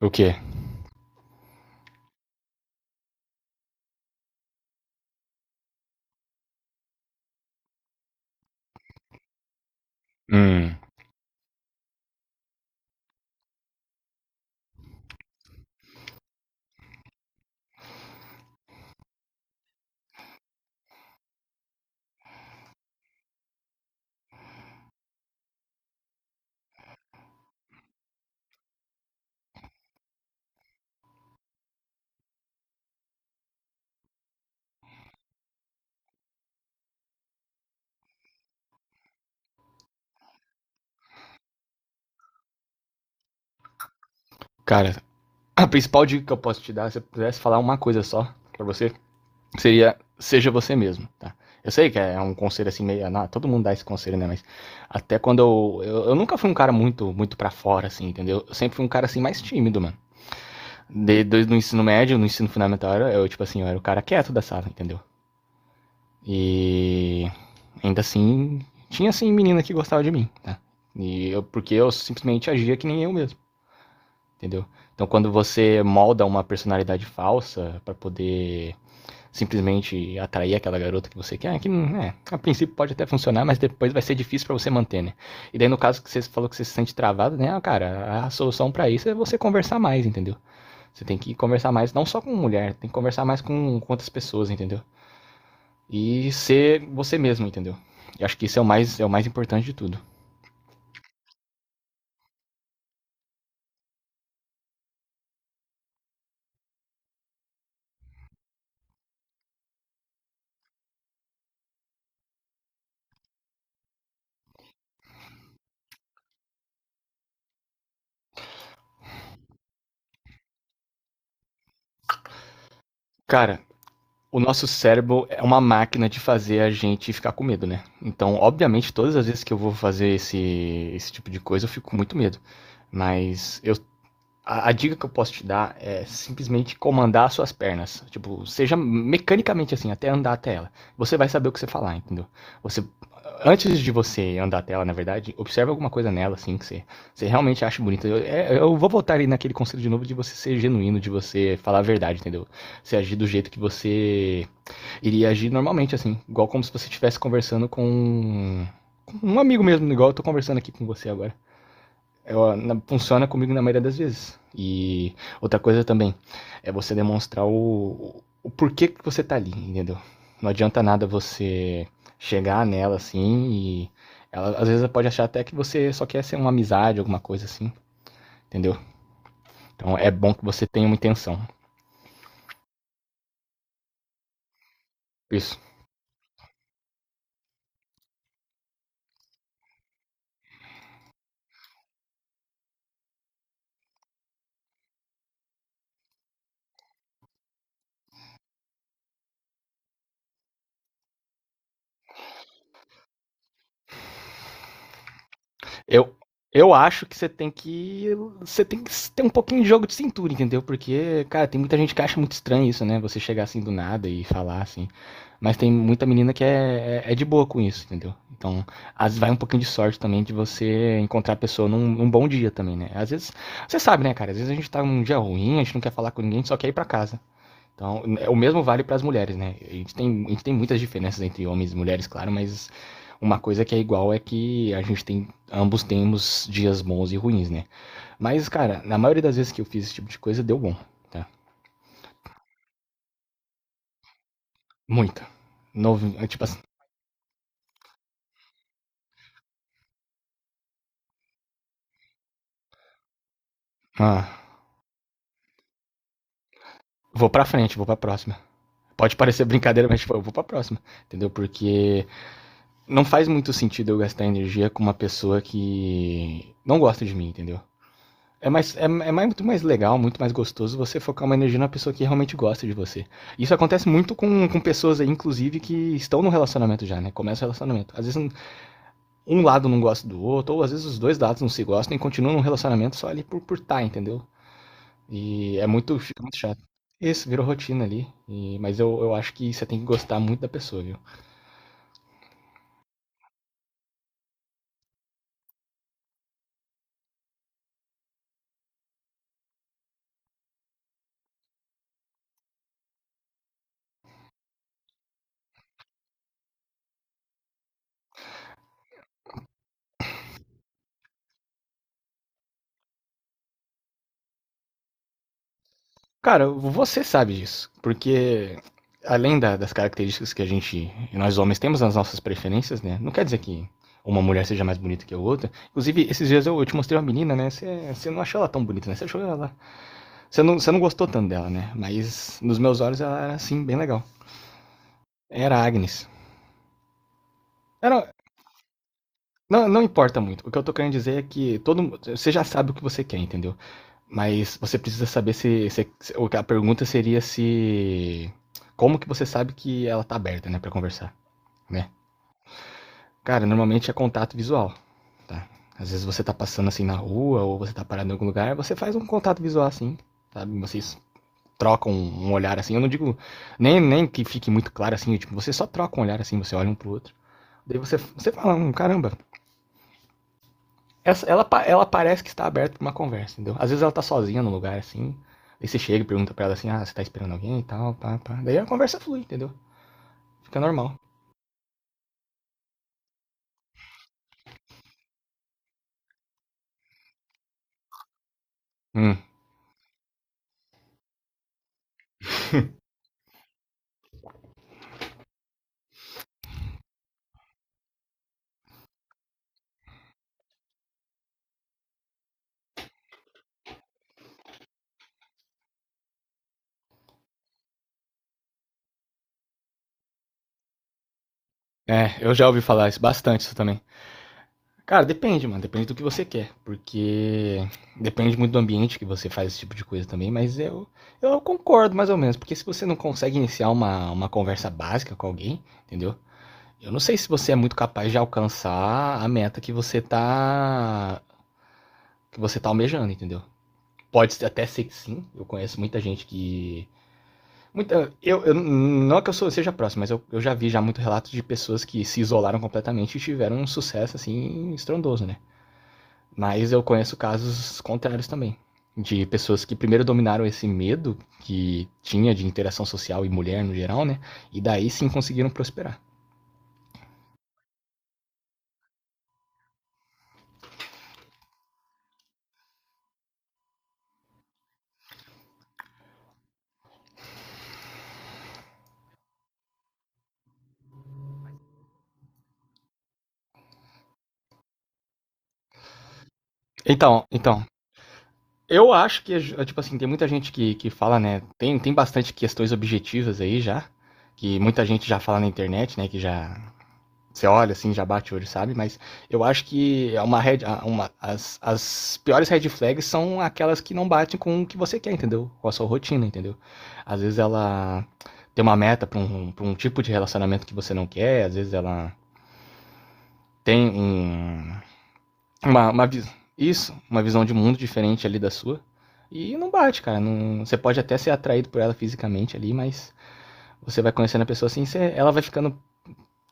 O quê? Hum. Cara, a principal dica que eu posso te dar, se eu pudesse falar uma coisa só pra você, seria seja você mesmo, tá? Eu sei que é um conselho assim meio. Não, todo mundo dá esse conselho, né? Mas até quando eu. Eu nunca fui um cara muito muito para fora, assim, entendeu? Eu sempre fui um cara assim mais tímido, mano. Desde no ensino médio, no ensino fundamental, tipo assim, eu era o cara quieto da sala, entendeu? E ainda assim, tinha assim menina que gostava de mim, tá? E eu, porque eu simplesmente agia que nem eu mesmo. Entendeu? Então, quando você molda uma personalidade falsa para poder simplesmente atrair aquela garota que você quer, é que né, a princípio pode até funcionar, mas depois vai ser difícil para você manter, né? E daí, no caso que você falou que você se sente travado, né? Ah, cara, a solução para isso é você conversar mais, entendeu? Você tem que conversar mais, não só com mulher, tem que conversar mais com outras pessoas, entendeu? E ser você mesmo, entendeu? Eu acho que isso é o mais importante de tudo. Cara, o nosso cérebro é uma máquina de fazer a gente ficar com medo, né? Então, obviamente, todas as vezes que eu vou fazer esse tipo de coisa, eu fico com muito medo. Mas eu, a dica que eu posso te dar é simplesmente comandar as suas pernas. Tipo, seja mecanicamente assim, até andar até ela. Você vai saber o que você falar, entendeu? Você, antes de você andar até ela, na verdade, observe alguma coisa nela, assim, que você realmente acha bonita. Eu vou voltar ali naquele conselho de novo de você ser genuíno, de você falar a verdade, entendeu? Você agir do jeito que você iria agir normalmente, assim, igual como se você estivesse conversando com um amigo mesmo, igual eu tô conversando aqui com você agora. Eu, na, funciona comigo na maioria das vezes. E outra coisa também é você demonstrar o porquê que você tá ali, entendeu? Não adianta nada você chegar nela assim e ela às vezes pode achar até que você só quer ser uma amizade, alguma coisa assim, entendeu? Então é bom que você tenha uma intenção. Isso. Eu, eu acho que você tem que. Você tem que ter um pouquinho de jogo de cintura, entendeu? Porque, cara, tem muita gente que acha muito estranho isso, né? Você chegar assim do nada e falar assim. Mas tem muita menina que é de boa com isso, entendeu? Então, às vezes vai um pouquinho de sorte também de você encontrar a pessoa num bom dia também, né? Às vezes, você sabe, né, cara? Às vezes a gente tá num dia ruim, a gente não quer falar com ninguém, só quer ir pra casa. Então, o mesmo vale para as mulheres, né? A gente tem muitas diferenças entre homens e mulheres, claro, mas uma coisa que é igual é que ambos temos dias bons e ruins, né? Mas, cara, na maioria das vezes que eu fiz esse tipo de coisa, deu bom, tá? Muita. Novo, tipo assim, ah, vou pra frente, vou pra próxima. Pode parecer brincadeira, mas tipo, eu vou pra próxima, entendeu? Porque não faz muito sentido eu gastar energia com uma pessoa que não gosta de mim, entendeu? É, mais, é, é mais- muito mais legal, muito mais gostoso você focar uma energia na pessoa que realmente gosta de você. Isso acontece muito com pessoas aí, inclusive, que estão no relacionamento já, né? Começa o relacionamento. Às vezes um lado não gosta do outro, ou às vezes os dois lados não se gostam e continuam num relacionamento só ali por tá, entendeu? E fica muito chato. Isso, virou rotina ali. Mas eu acho que você tem que gostar muito da pessoa, viu? Cara, você sabe disso, porque além das características que a gente, nós homens, temos nas nossas preferências, né? Não quer dizer que uma mulher seja mais bonita que a outra. Inclusive, esses dias eu te mostrei uma menina, né? Você não achou ela tão bonita, né? Você achou ela. Você não gostou tanto dela, né? Mas nos meus olhos ela era, assim, bem legal. Era a Agnes. Era, não, não importa muito. O que eu tô querendo dizer é que você já sabe o que você quer, entendeu? Mas você precisa saber se. O que A pergunta seria se. Como que você sabe que ela tá aberta, né, pra conversar, né? Cara, normalmente é contato visual, tá? Às vezes você tá passando assim na rua ou você tá parado em algum lugar, você faz um contato visual assim, sabe? Vocês trocam um olhar assim. Eu não digo nem que fique muito claro assim, tipo, você só troca um olhar assim, você olha um pro outro. Daí você fala, caramba, ela parece que está aberta para uma conversa, entendeu? Às vezes ela tá sozinha no lugar, assim. Aí você chega e pergunta pra ela assim, ah, você tá esperando alguém e tal, pá, pá. Daí a conversa flui, entendeu? Fica normal. Hum, eu já ouvi falar isso, bastante isso também. Cara, depende, mano, depende do que você quer. Porque depende muito do ambiente que você faz esse tipo de coisa também, mas eu concordo mais ou menos. Porque se você não consegue iniciar uma conversa básica com alguém, entendeu? Eu não sei se você é muito capaz de alcançar a meta que você tá almejando, entendeu? Pode até ser que sim. Eu conheço muita gente que. Muita, eu não é que seja próximo, mas eu já vi já muito relatos de pessoas que se isolaram completamente e tiveram um sucesso assim estrondoso, né? Mas eu conheço casos contrários também. De pessoas que primeiro dominaram esse medo que tinha de interação social e mulher no geral, né? E daí sim conseguiram prosperar. Então, eu acho que, tipo assim, tem muita gente que fala, né? Tem bastante questões objetivas aí já, que muita gente já fala na internet, né? Que já. Você olha assim, já bate o olho, sabe? Mas eu acho que é uma red, a- uma, as piores red flags são aquelas que não batem com o que você quer, entendeu? Com a sua rotina, entendeu? Às vezes ela tem uma meta pra um tipo de relacionamento que você não quer, às vezes ela tem uma. Isso, uma visão de mundo diferente ali da sua. E não bate, cara. Não, você pode até ser atraído por ela fisicamente ali, mas você vai conhecendo a pessoa assim, ela vai ficando.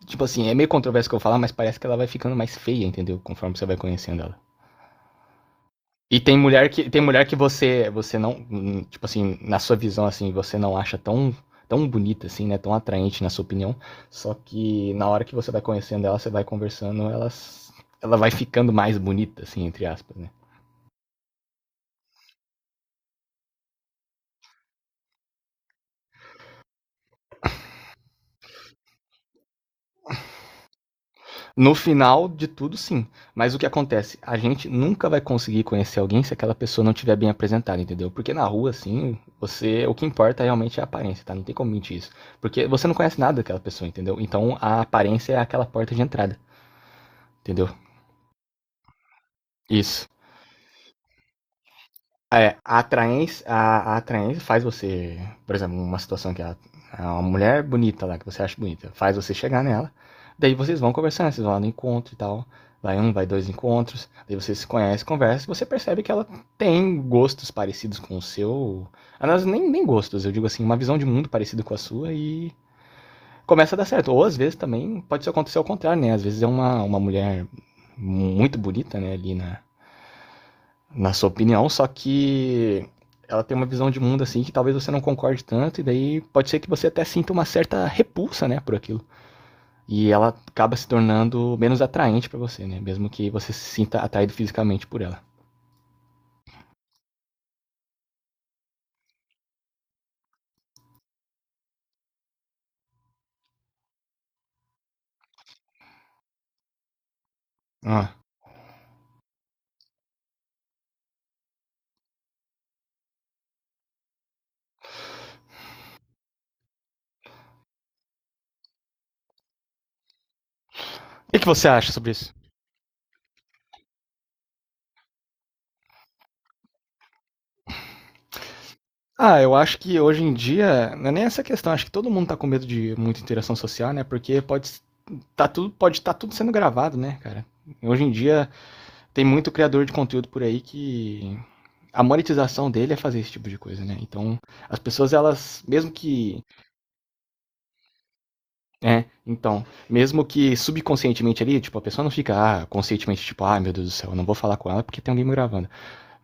Tipo assim, é meio controverso o que eu falar, mas parece que ela vai ficando mais feia, entendeu? Conforme você vai conhecendo ela. E tem mulher que você não, tipo assim, na sua visão assim, você não acha tão tão bonita assim, né? Tão atraente na sua opinião, só que na hora que você vai conhecendo ela, você vai conversando, ela vai ficando mais bonita assim, entre aspas, né? No final de tudo, sim. Mas o que acontece? A gente nunca vai conseguir conhecer alguém se aquela pessoa não tiver bem apresentada, entendeu? Porque na rua, assim, você. O que importa realmente é a aparência, tá? Não tem como mentir isso. Porque você não conhece nada daquela pessoa, entendeu? Então a aparência é aquela porta de entrada, entendeu? Isso. É, a atraência faz você, por exemplo, uma situação que é uma mulher bonita lá, que você acha bonita, faz você chegar nela, daí vocês vão conversando, vocês vão lá no encontro e tal, vai um, vai dois encontros, daí você se conhece, conversa, e você percebe que ela tem gostos parecidos com o seu, aliás, nem gostos, eu digo assim, uma visão de mundo parecida com a sua e começa a dar certo, ou às vezes também pode acontecer ao contrário, né, às vezes é uma mulher muito bonita, né, ali na sua opinião, só que ela tem uma visão de mundo assim que talvez você não concorde tanto, e daí pode ser que você até sinta uma certa repulsa, né, por aquilo. E ela acaba se tornando menos atraente para você, né, mesmo que você se sinta atraído fisicamente por ela. Ah. O que você acha sobre isso? Ah, eu acho que hoje em dia, não é nem essa questão, acho que todo mundo tá com medo de muita interação social, né, porque pode estar tudo sendo gravado, né, cara? Hoje em dia tem muito criador de conteúdo por aí que a monetização dele é fazer esse tipo de coisa, né? Então, as pessoas, elas, mesmo que, né? Então, mesmo que subconscientemente ali, tipo, a pessoa não fica, ah, conscientemente, tipo, ah, meu Deus do céu, eu não vou falar com ela porque tem alguém me gravando.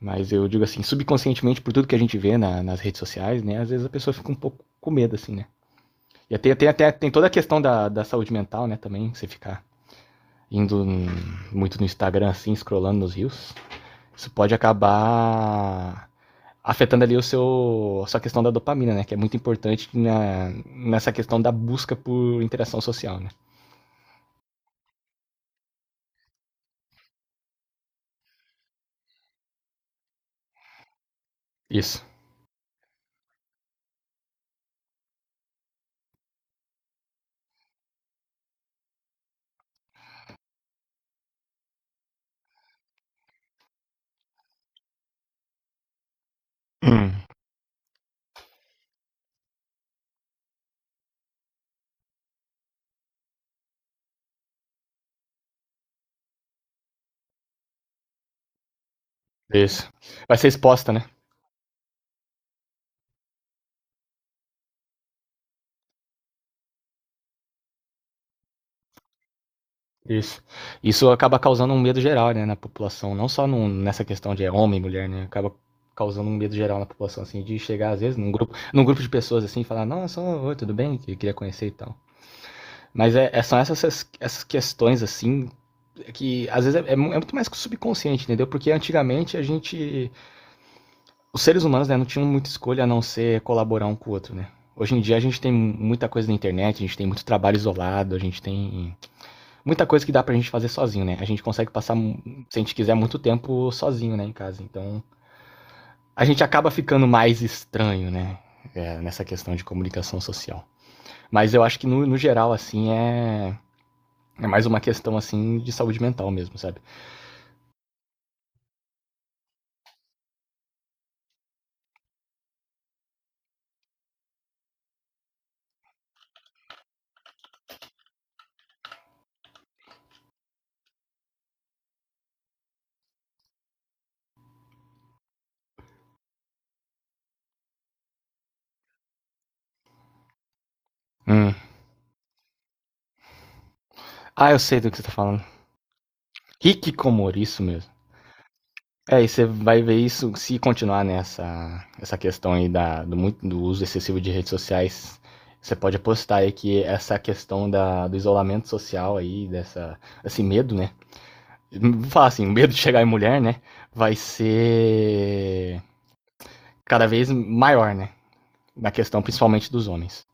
Mas eu digo assim, subconscientemente, por tudo que a gente vê nas redes sociais, né? Às vezes a pessoa fica um pouco com medo, assim, né? E tem toda a questão da saúde mental, né? Também, você ficar indo muito no Instagram, assim, scrollando nos rios. Isso pode acabar afetando ali o seu a sua questão da dopamina, né? Que é muito importante nessa questão da busca por interação social, né? Isso. Hum, isso. Vai ser exposta, né? Isso. Isso acaba causando um medo geral, né, na população, não só nessa questão de é homem, e mulher, né? Acaba causando um medo geral na população, assim, de chegar às vezes num grupo de pessoas assim, e falar, nossa, oi, tudo bem, eu queria conhecer e tal. Mas são essas questões assim que às vezes é muito mais subconsciente, entendeu? Porque antigamente a gente os seres humanos, né, não tinham muita escolha a não ser colaborar um com o outro, né? Hoje em dia a gente tem muita coisa na internet, a gente tem muito trabalho isolado, a gente tem muita coisa que dá pra gente fazer sozinho, né? A gente consegue passar, se a gente quiser, muito tempo sozinho, né, em casa. Então, a gente acaba ficando mais estranho, né? É, nessa questão de comunicação social. Mas eu acho que no geral, assim, é. É mais uma questão, assim, de saúde mental mesmo, sabe? Hum. Ah, eu sei do que você tá falando. Hikikomori, isso mesmo. É, e você vai ver isso se continuar nessa essa questão aí do uso excessivo de redes sociais. Você pode apostar aí que essa questão do isolamento social aí, esse medo, né? Vou falar assim, o medo de chegar em mulher, né? Vai ser cada vez maior, né? Na questão principalmente dos homens.